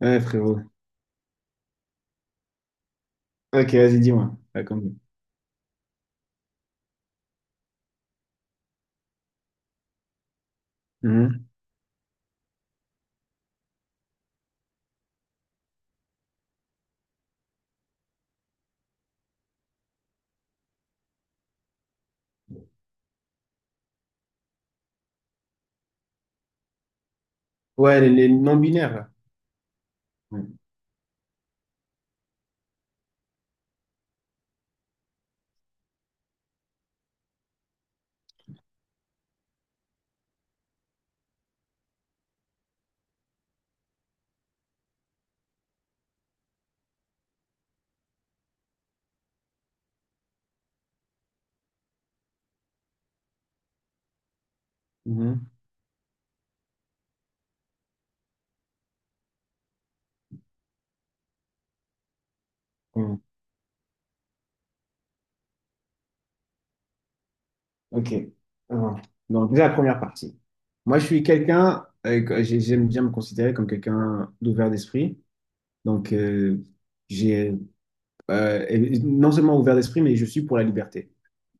Ouais, frérot. Ok, vas-y, dis-moi. Raconte-moi. Mhm. Ouais, les non-binaires, là. Ouais. Mhm. Mhm. Ok. Alors, donc, déjà, la première partie. Moi, je suis quelqu'un, j'aime bien me considérer comme quelqu'un d'ouvert d'esprit. Donc, j'ai et non seulement ouvert d'esprit, mais je suis pour la liberté.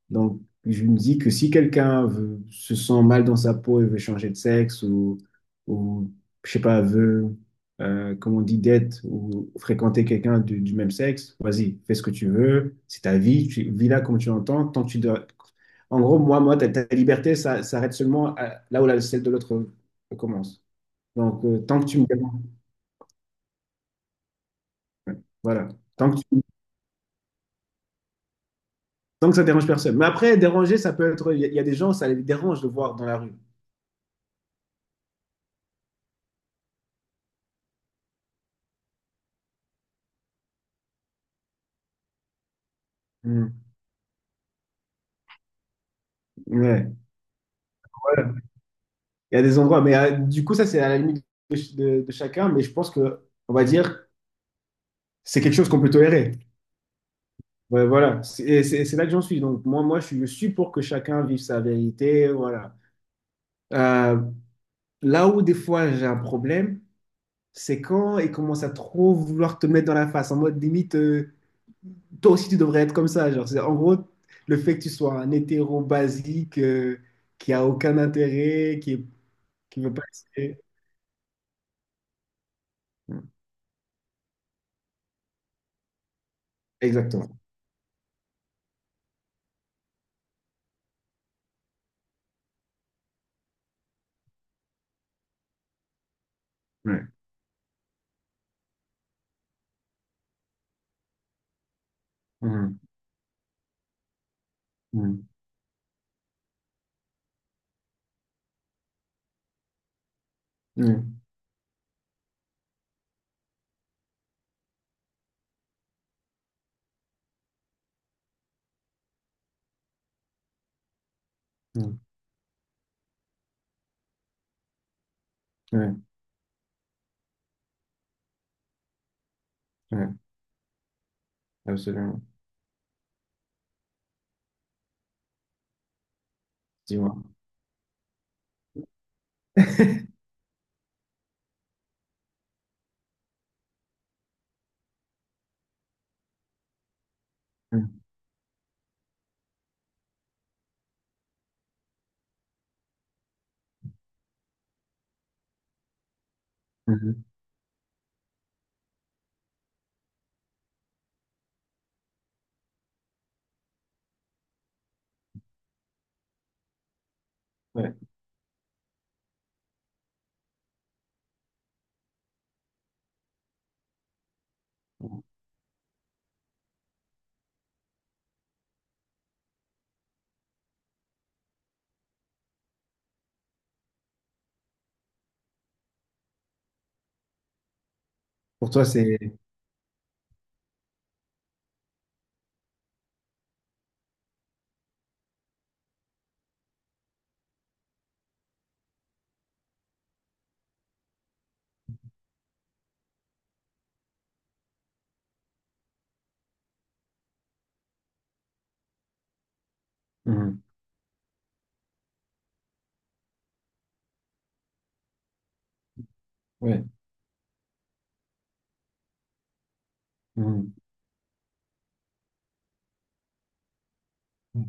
Donc, je me dis que si se sent mal dans sa peau et veut changer de sexe ou je sais pas, veut, comme on dit, date ou fréquenter quelqu'un du même sexe, vas-y, fais ce que tu veux, c'est ta vie, tu vis là comme tu l'entends, tant que tu dois... En gros, moi, ta liberté, ça s'arrête là où celle de l'autre commence. Donc, tant que tu me déranges, voilà, tant que, tu- tant que ça dérange personne. Mais après, déranger, ça peut être... il y a des gens, ça les dérange de voir dans la rue. Hmm. Ouais. Il y a des endroits, mais du coup, ça, c'est à la limite de chacun, mais je pense que, on va dire, c'est quelque chose qu'on peut tolérer. Ouais, voilà, c'est là que j'en suis. Donc, je suis pour que chacun vive sa vérité, voilà. Euh, Là où, des fois, j'ai un problème, c'est quand ils commencent à trop vouloir te mettre dans la face, en mode limite, toi aussi, tu devrais être comme ça. Genre, en gros, le fait que tu sois un hétéro basique, qui a aucun intérêt, qui veut pas essayer. Exactement. Ouais. Mhm. Mhm. Mhm. Mmh. Ouais, ouais, absolument. Dis-moi. Mmh. Mmh. Ouais. Pour toi, c'est. Mmh. Ouais. Mmh. Mmh.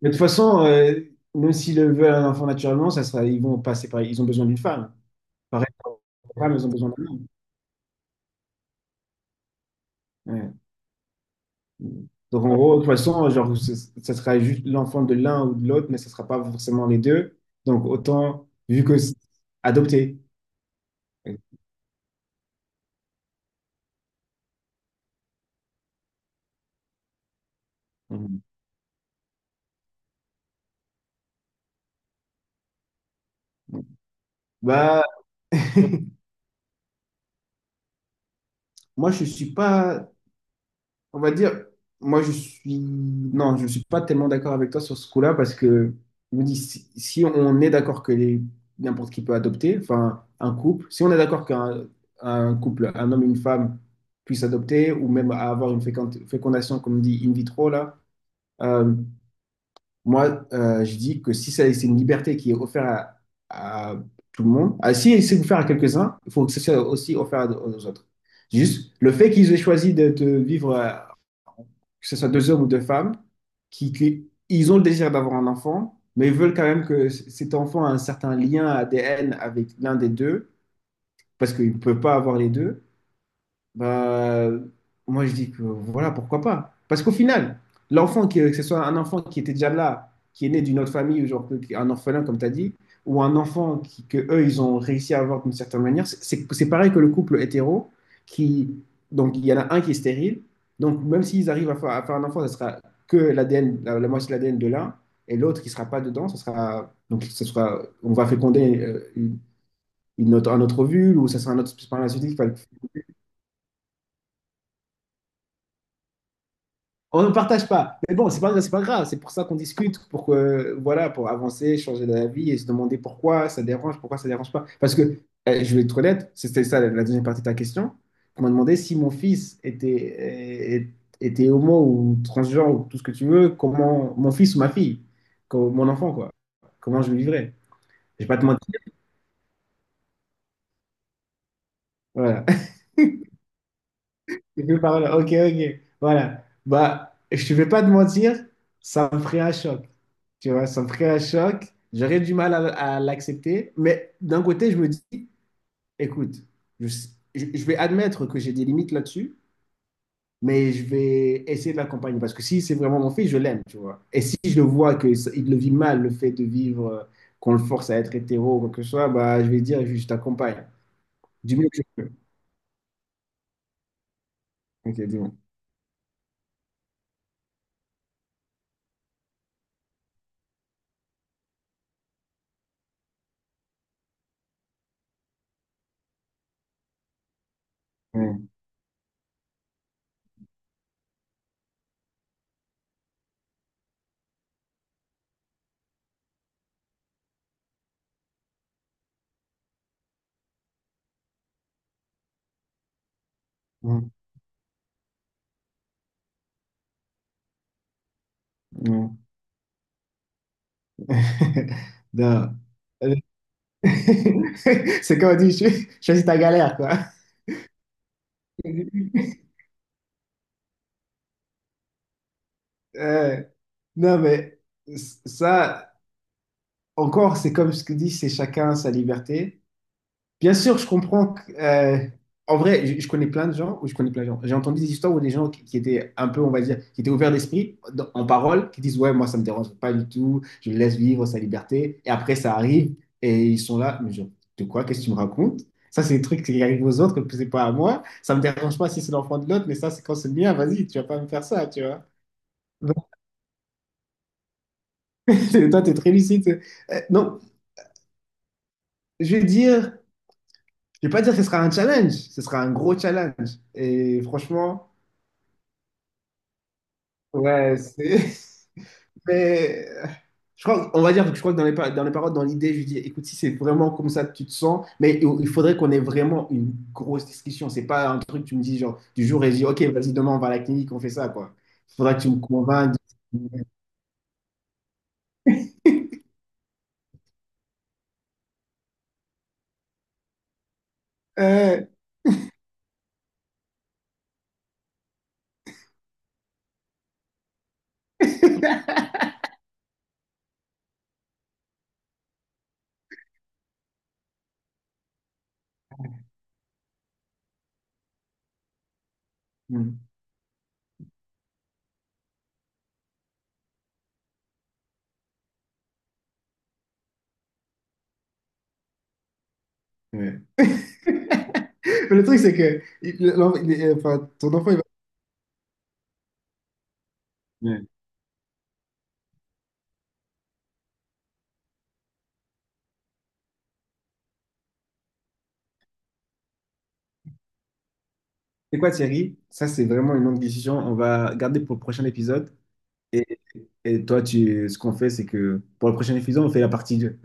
Mais de toute façon, même s'ils le veulent un enfant naturellement, ça sera, ils vont passer par. Ils ont besoin d'une femme. Pareil, les femmes, elles ont besoin d'un homme. Ouais. Donc, en gros, de toute façon, genre, ça sera juste l'enfant de l'un ou de l'autre, mais ça sera pas forcément les deux. Donc, autant, vu que c'est adopté. Mmh. Bah, moi, je suis pas. On va dire, moi je suis, non, je suis pas tellement d'accord avec toi sur ce coup-là parce que je me dis, si on est d'accord que n'importe qui peut adopter, enfin un couple, si on est d'accord qu'un un couple, un homme et une femme puissent adopter ou même à avoir une fécondation, comme dit in vitro là, euh, je dis que si c'est une liberté qui est offerte à tout le monde, ah, si c'est offert à quelques-uns, il faut que ce soit aussi offert à- aux autres. Juste, le fait qu'ils aient choisi de vivre, que ce soit deux hommes ou deux femmes, ils ont le désir d'avoir un enfant, mais ils veulent quand même que cet enfant a un certain lien ADN avec l'un des deux, parce qu'il ne peut pas avoir les deux. Bah, moi, je dis que voilà, pourquoi pas? Parce qu'au final, que ce soit un enfant qui était déjà là, qui est né d'une autre famille, ou un orphelin, comme tu as dit, ou un enfant que eux, ils ont réussi à avoir d'une certaine manière, c'est pareil que le couple hétéro, qui, donc il y en a un qui est stérile, donc même s'ils arrivent à faire un enfant, ça sera que l'ADN, la moitié de l'ADN de l'un, et l'autre qui sera pas dedans, ça sera, donc ça sera, on va féconder une autre, un autre ovule, ou ça sera un autre spermatozoïde. On ne partage pas. Mais bon, c'est pas grave. C'est pour ça qu'on discute, pour que, voilà, pour avancer, changer d'avis et se demander pourquoi ça dérange pas. Parce que, je vais être honnête, c'était ça la la deuxième partie de ta question. On m'a demandé si mon fils était, était homo ou transgenre ou tout ce que tu veux, comment mon fils ou ma fille, comme mon enfant, quoi. Comment je le vivrais. Je vais pas te mentir. Voilà. Je vais pas- voilà, Ok, ok. Voilà. Bah, je ne vais pas te mentir, ça me ferait un choc. Tu vois, ça me ferait un choc. J'aurais du mal à l'accepter. Mais d'un côté, je me dis, écoute, je, je vais admettre que j'ai des limites là-dessus, mais je vais essayer de l'accompagner. Parce que si c'est vraiment mon fils, je l'aime, tu vois. Et si je le vois que il le vit mal, le fait de vivre, qu'on le force à être hétéro ou quoi que ce soit, bah, je vais dire, je t'accompagne. Du mieux que je peux. Ok, dis-moi. Mm, mm, mm. Non. C'est comme on dit, choisis ta galère, quoi. Euh, non, mais ça, encore, c'est comme ce que dit, c'est chacun sa liberté. Bien sûr, je comprends que, en vrai, je connais plein de gens, ou je connais plein de gens, j'ai entendu des histoires où des gens qui étaient un peu, on va dire, qui étaient ouverts d'esprit, en parole, qui disent, ouais, moi, ça me dérange pas du tout, je le laisse vivre sa liberté. Et après, ça arrive, et ils sont là, mais genre, de quoi, qu'est-ce que tu me racontes? Ça, c'est des trucs qui arrivent aux autres, que c'est pas à moi. Ça me dérange pas si c'est l'enfant de l'autre, mais ça, c'est quand c'est le mien, vas-y, tu vas pas me faire ça, tu vois. Toi, t'es très lucide. Non, je vais dire, je vais pas dire que ce sera un challenge, ce sera un gros challenge. Et franchement, ouais, c'est. Mais on va dire que je crois que dans les, dans les paroles, dans l'idée, je dis, écoute, si c'est vraiment comme ça que tu te sens, mais il faudrait qu'on ait vraiment une grosse discussion. C'est pas un truc que tu me dis genre du jour et je dis, ok, vas-y, demain on va à la clinique, on fait ça, quoi. Il faudra que tu me convainques. Euh, hmm, ouais. Mais le truc, c'est que enfin, ton enfant, il va. C'est quoi Thierry? Ça, c'est vraiment une longue discussion. On va garder pour le prochain épisode. Et, et toi, tu, ce qu'on fait, c'est que pour le prochain épisode, on fait la partie deux.